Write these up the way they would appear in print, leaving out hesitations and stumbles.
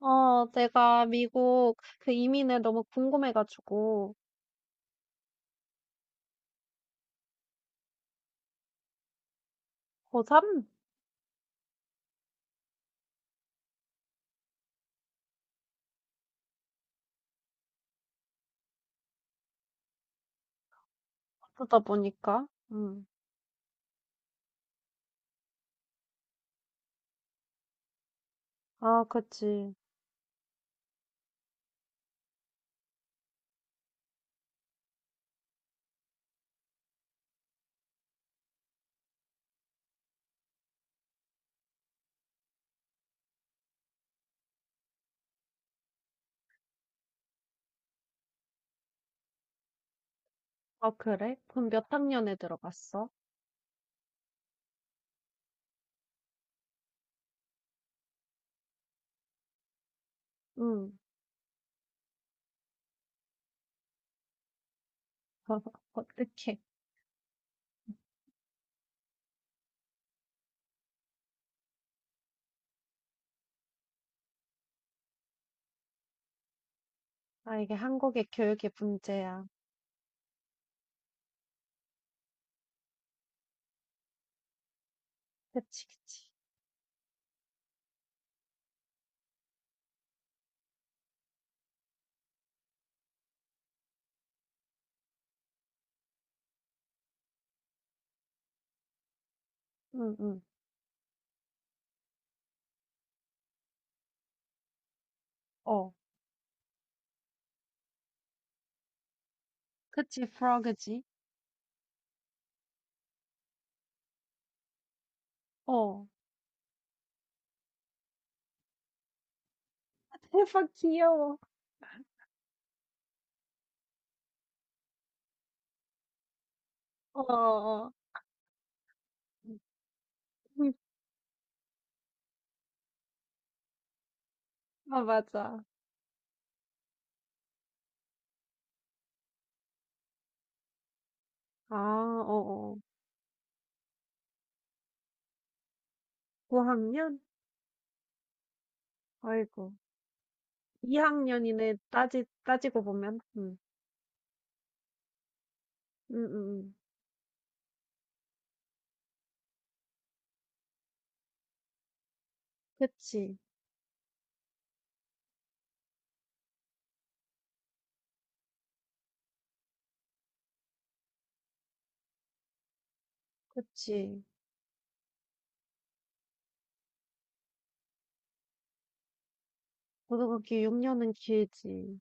어, 내가 미국 그 이민을 너무 궁금해가지고, 고3? 그러다 보니까, 아, 그치. 아, 그래? 그럼 몇 학년에 들어갔어? 응. 어떡해. 아, 이게 한국의 교육의 문제야. 그치. 응, 응. 어. 그치, 프로그지? 어. 대박 귀여워. 어. 음, 아, 맞아. 아, 어, 어. 9학년? 아이고. 2학년이네, 따지고 보면. 음. 응응 응. 그치, 그치. 고등학교 6년은 길지.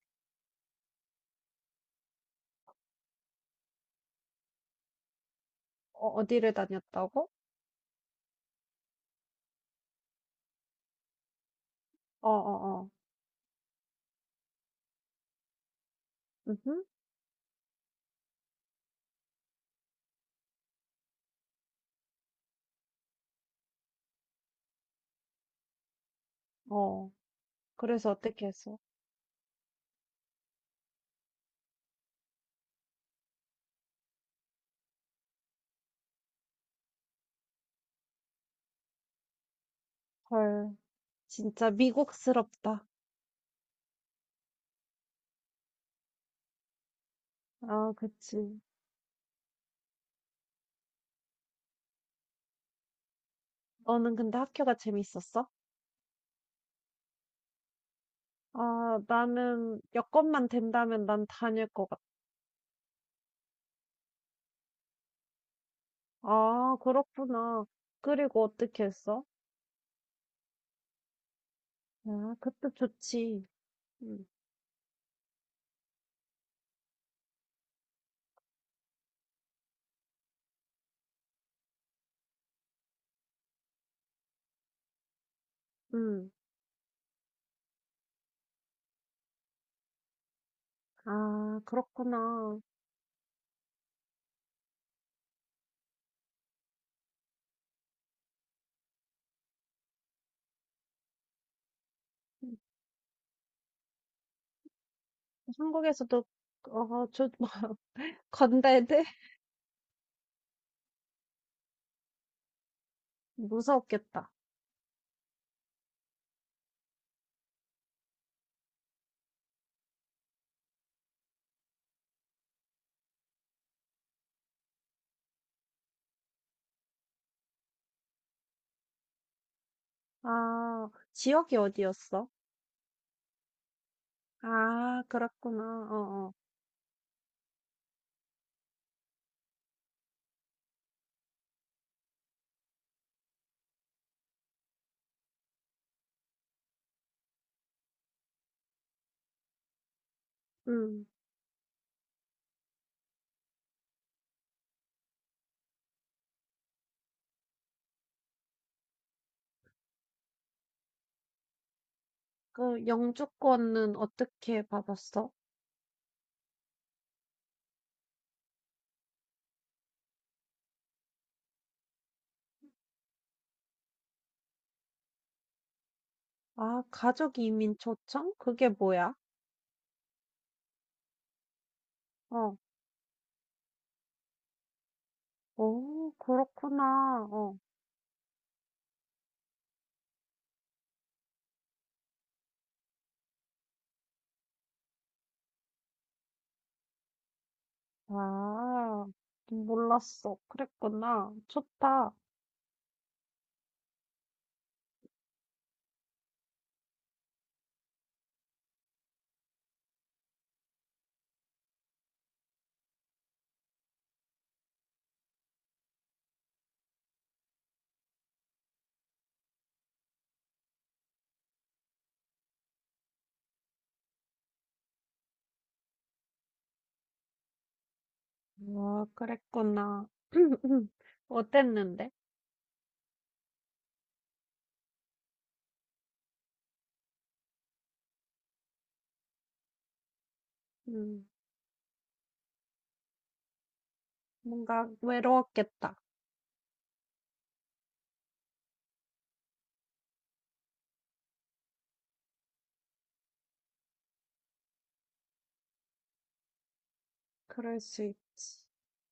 어, 어디를 다녔다고? 어어어. 응흠 어. 그래서 어떻게 했어? 헐, 진짜 미국스럽다. 아, 그치. 너는 근데 학교가 재밌었어? 아, 나는 여건만 된다면 난 다닐 것 같아. 아, 그렇구나. 그리고 어떻게 했어? 아, 그때 좋지. 응, 응. 아, 그렇구나. 한국에서도 어, 저 건달들? 무서웠겠다. 아, 지역이 어디였어? 아, 그렇구나. 어, 어. 음. 그 영주권은 어떻게 받았어? 아, 가족 이민 초청? 그게 뭐야? 어. 오, 그렇구나. 어. 아, 몰랐어. 그랬구나. 좋다. 아, 그랬구나. 어땠는데? 음. 뭔가 외로웠겠다. 그럴 수 있지.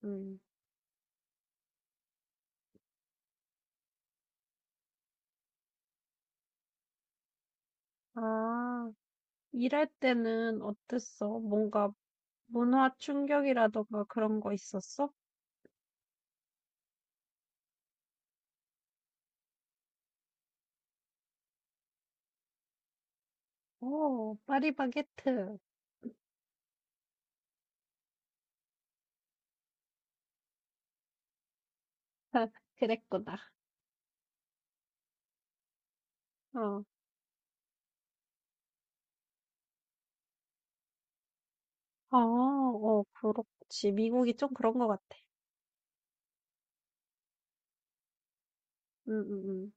음. 아, 일할 때는 어땠어? 뭔가 문화 충격이라던가 그런 거 있었어? 오, 파리바게트. 그랬구나. 어. 어, 어, 그렇지. 미국이 좀 그런 것 같아. 응, 응, 응.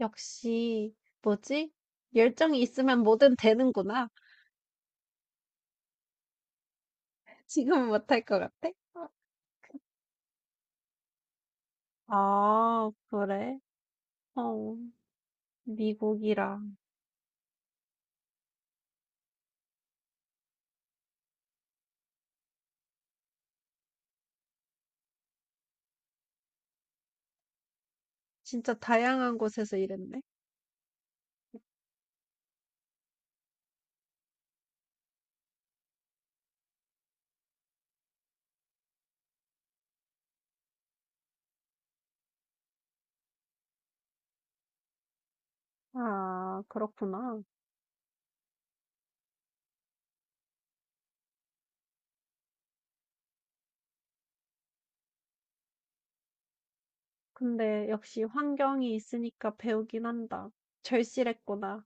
역시, 뭐지? 열정이 있으면 뭐든 되는구나. 지금은 못할 것 같아? 어. 아, 그래? 어, 미국이라. 진짜 다양한 곳에서 일했네. 아, 그렇구나. 근데 역시 환경이 있으니까 배우긴 한다. 절실했구나.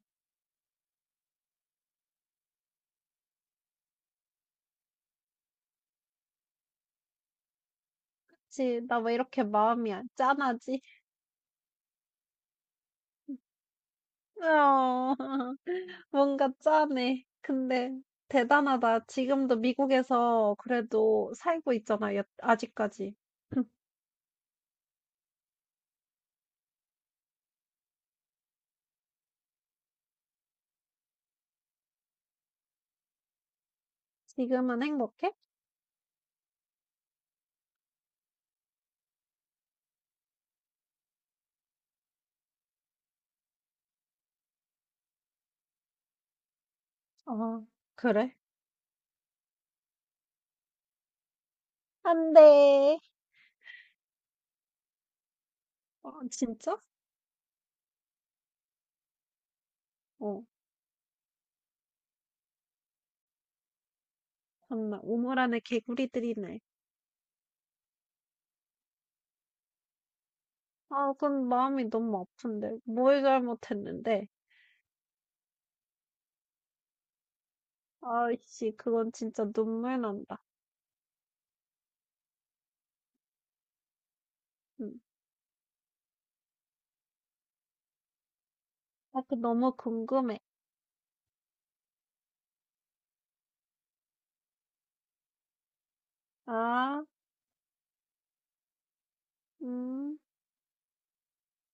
그치, 나 왜 이렇게 마음이 안- 짠하지? 어, 뭔가 짠해. 근데 대단하다. 지금도 미국에서 그래도 살고 있잖아, 여- 아직까지. 지금은 행복해? 어, 그래? 안 돼. 어, 진짜? 어, 정말 우물 안에 개구리들이네. 아, 그건 마음이 너무 아픈데. 뭘 잘못했는데. 아이씨, 그건 진짜 눈물 난다. 음. 아, 그 너무 궁금해. 아, 음.